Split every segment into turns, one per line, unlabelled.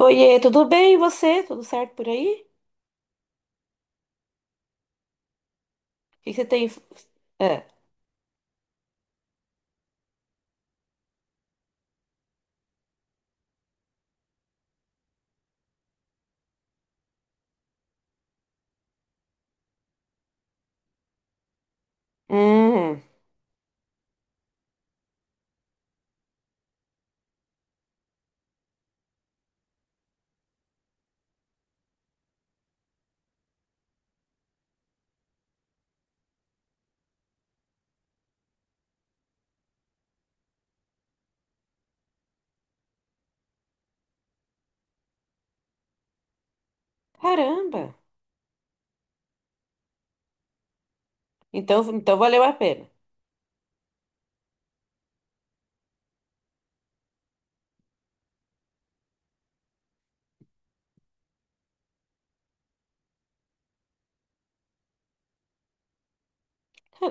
Oiê, tudo bem? E você? Tudo certo por aí? O que que você tem? É. Hum, caramba. Então, então valeu a pena.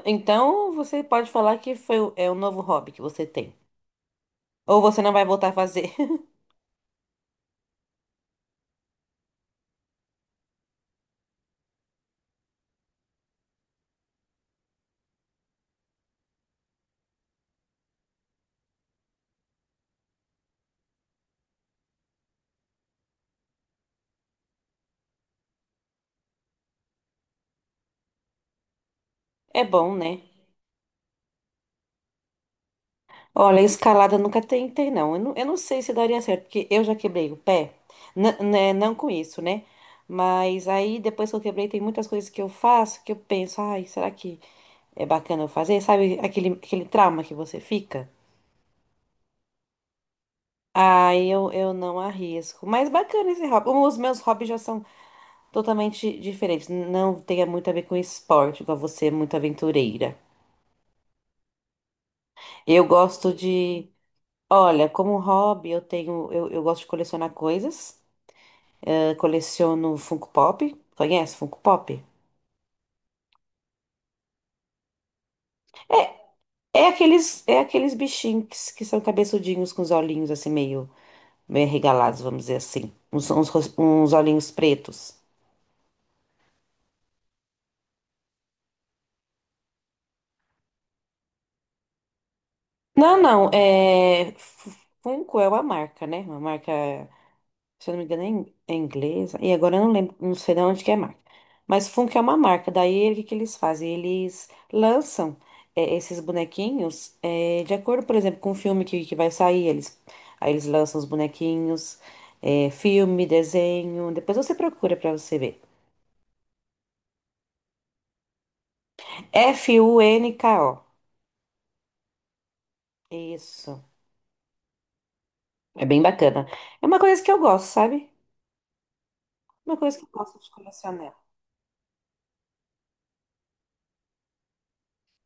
Então você pode falar que foi, é um novo hobby que você tem. Ou você não vai voltar a fazer. É bom, né? Olha, escalada eu nunca tentei, não. Eu não sei se daria certo, porque eu já quebrei o pé. Né, não com isso, né? Mas aí, depois que eu quebrei, tem muitas coisas que eu faço que eu penso, ai, será que é bacana eu fazer? Sabe aquele trauma que você fica? Ah, eu não arrisco. Mas bacana esse hobby. Os meus hobbies já são totalmente diferentes. Não tem muito a ver com esporte, igual você é muito aventureira. Eu gosto de. Olha, como hobby, eu tenho. Eu gosto de colecionar coisas. Coleciono Funko Pop. Conhece Funko Pop? É aqueles bichinhos que são cabeçudinhos com os olhinhos assim meio arregalados, vamos dizer assim. Uns olhinhos pretos. Não, não, é... Funko é uma marca, né? Uma marca, se eu não me engano, é inglesa. E agora eu não lembro, não sei de onde que é a marca. Mas Funko é uma marca. Daí, o que que eles fazem? Eles lançam esses bonequinhos de acordo, por exemplo, com o filme que vai sair. Aí eles lançam os bonequinhos, filme, desenho. Depois você procura pra você ver. F-U-N-K-O. Isso. É bem bacana. É uma coisa que eu gosto, sabe? Uma coisa que eu gosto de colecionar.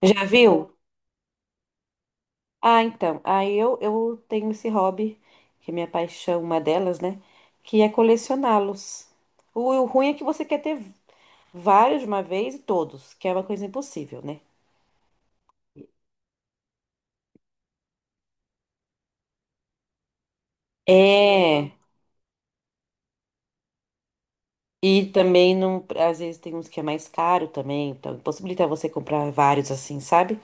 Já viu? Ah, então. Eu tenho esse hobby, que é minha paixão, uma delas, né? Que é colecioná-los. O ruim é que você quer ter vários de uma vez e todos, que é uma coisa impossível, né? É. E também não, às vezes tem uns que é mais caro também, então possibilita você comprar vários assim, sabe?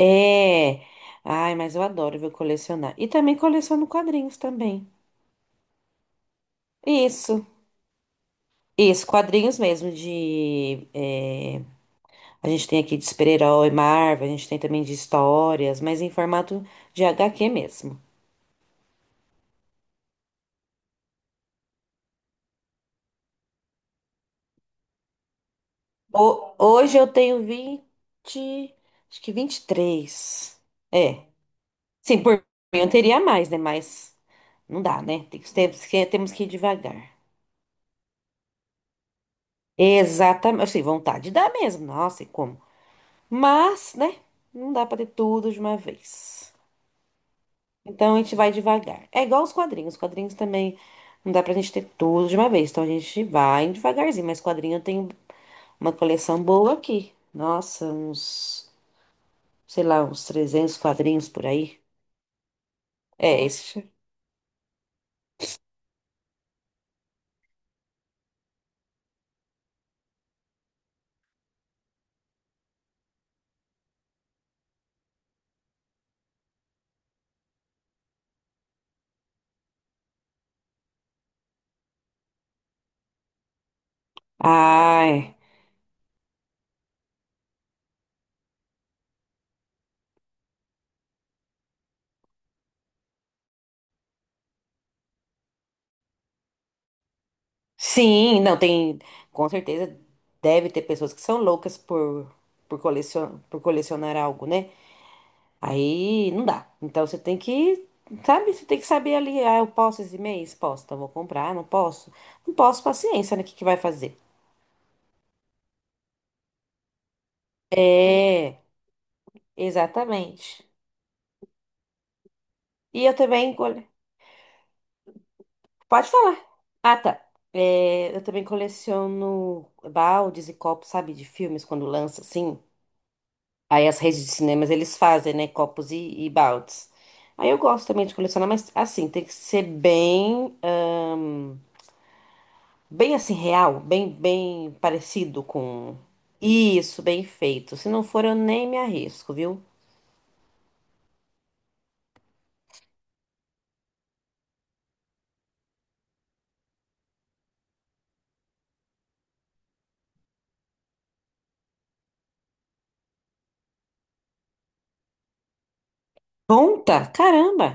É. Ai, mas eu adoro ver colecionar. E também coleciono quadrinhos também. Isso. Isso, quadrinhos mesmo de. A gente tem aqui de super-herói, Marvel, a gente tem também de histórias, mas em formato de HQ mesmo. Hoje eu tenho 20, acho que 23. É. Sim, por mim eu teria mais, né? Mas não dá, né? Temos temos que ir devagar. Exatamente. Assim, vontade dá mesmo. Nossa, e como? Mas, né? Não dá pra ter tudo de uma vez. Então a gente vai devagar. É igual os quadrinhos. Os quadrinhos também não dá pra gente ter tudo de uma vez. Então a gente vai devagarzinho. Mas quadrinho eu tenho uma coleção boa aqui. Nossa, uns, sei lá, uns 300 quadrinhos por aí. É esse. Ai, sim, não tem. Com certeza deve ter pessoas que são loucas por colecionar algo, né? Aí não dá. Então você tem que, sabe? Você tem que saber ali, ah, eu posso esse mês? Posso, então vou comprar, não posso. Não posso, paciência, né? O que que vai fazer? É, exatamente. E eu também, cole- pode falar. Ah, tá. É, eu também coleciono baldes e copos, sabe, de filmes quando lança, assim. Aí as redes de cinemas eles fazem, né, copos e baldes. Aí eu gosto também de colecionar, mas assim, tem que ser bem. Bem assim, real, bem parecido com. Isso, bem feito. Se não for, eu nem me arrisco, viu? Ponta? Caramba!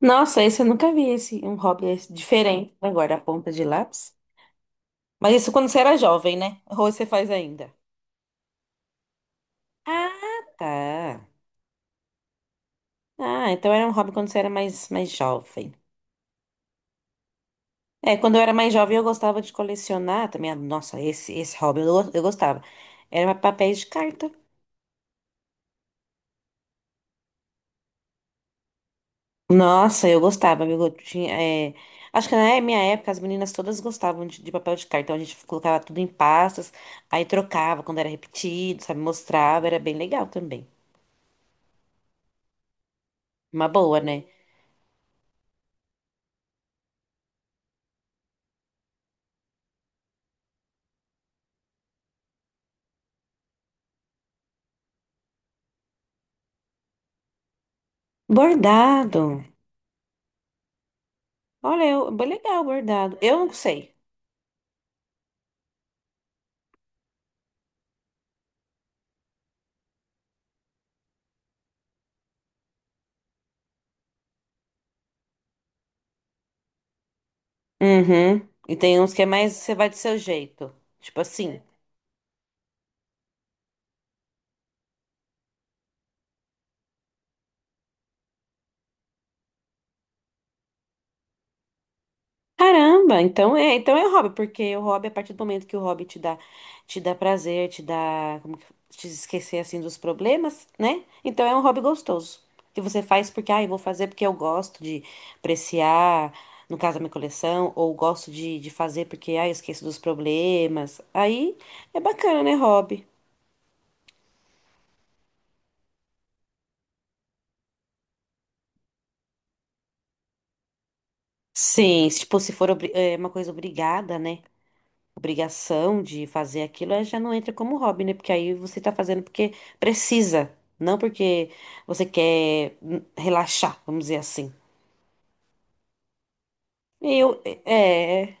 Nossa, esse eu nunca vi, esse, um hobby esse diferente. Agora, a ponta de lápis. Mas isso quando você era jovem, né? Ou você faz ainda? Ah, tá. Ah, então era um hobby quando você era mais jovem. É, quando eu era mais jovem, eu gostava de colecionar também. Nossa, esse hobby eu, eu gostava. Era papéis de carta. Nossa, eu gostava, viu? Eu tinha, é, acho que na minha época as meninas todas gostavam de papel de carta, então a gente colocava tudo em pastas, aí trocava quando era repetido, sabe? Mostrava, era bem legal também. Uma boa, né? Bordado. Olha, eu, bem legal bordado. Eu não sei. Uhum. E tem uns que é mais você vai do seu jeito. Tipo assim. Caramba, então é hobby, porque o hobby, a partir do momento que o hobby te dá prazer, te dá, como que, te esquecer assim dos problemas, né? Então é um hobby gostoso, que você faz porque, ah, eu vou fazer porque eu gosto de apreciar, no caso, a minha coleção, ou gosto de fazer porque, ah, eu esqueço dos problemas. Aí é bacana, né, hobby? Sim, se, tipo, se é uma coisa obrigada, né? Obrigação de fazer aquilo, aí já não entra como hobby, né? Porque aí você tá fazendo porque precisa, não porque você quer relaxar, vamos dizer assim. E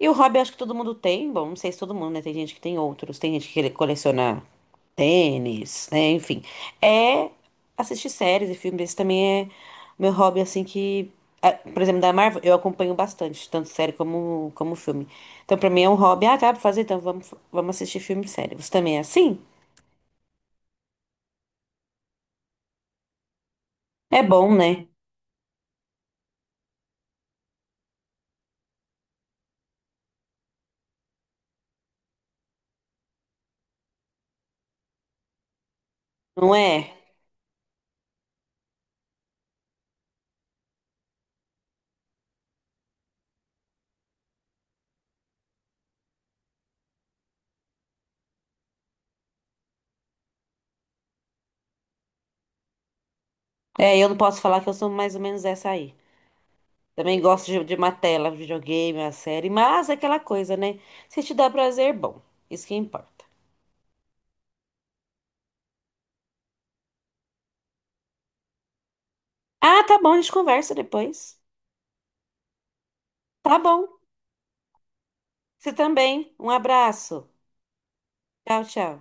e o hobby eu acho que todo mundo tem, bom, não sei se todo mundo, né? Tem gente que tem outros, tem gente que coleciona tênis, né? Enfim, é assistir séries e filmes. Esse também é meu hobby, assim, que... Por exemplo, da Marvel, eu acompanho bastante, tanto série como filme. Então, pra mim é um hobby. Ah, dá pra fazer? Então, vamos assistir filme e série. Você também é assim? É bom, né? Não é? É, eu não posso falar que eu sou mais ou menos essa aí. Também gosto de uma tela, videogame, uma série, mas é aquela coisa, né? Se te dá prazer, bom. Isso que importa. Ah, tá bom, a gente conversa depois. Tá bom. Você também. Um abraço. Tchau, tchau.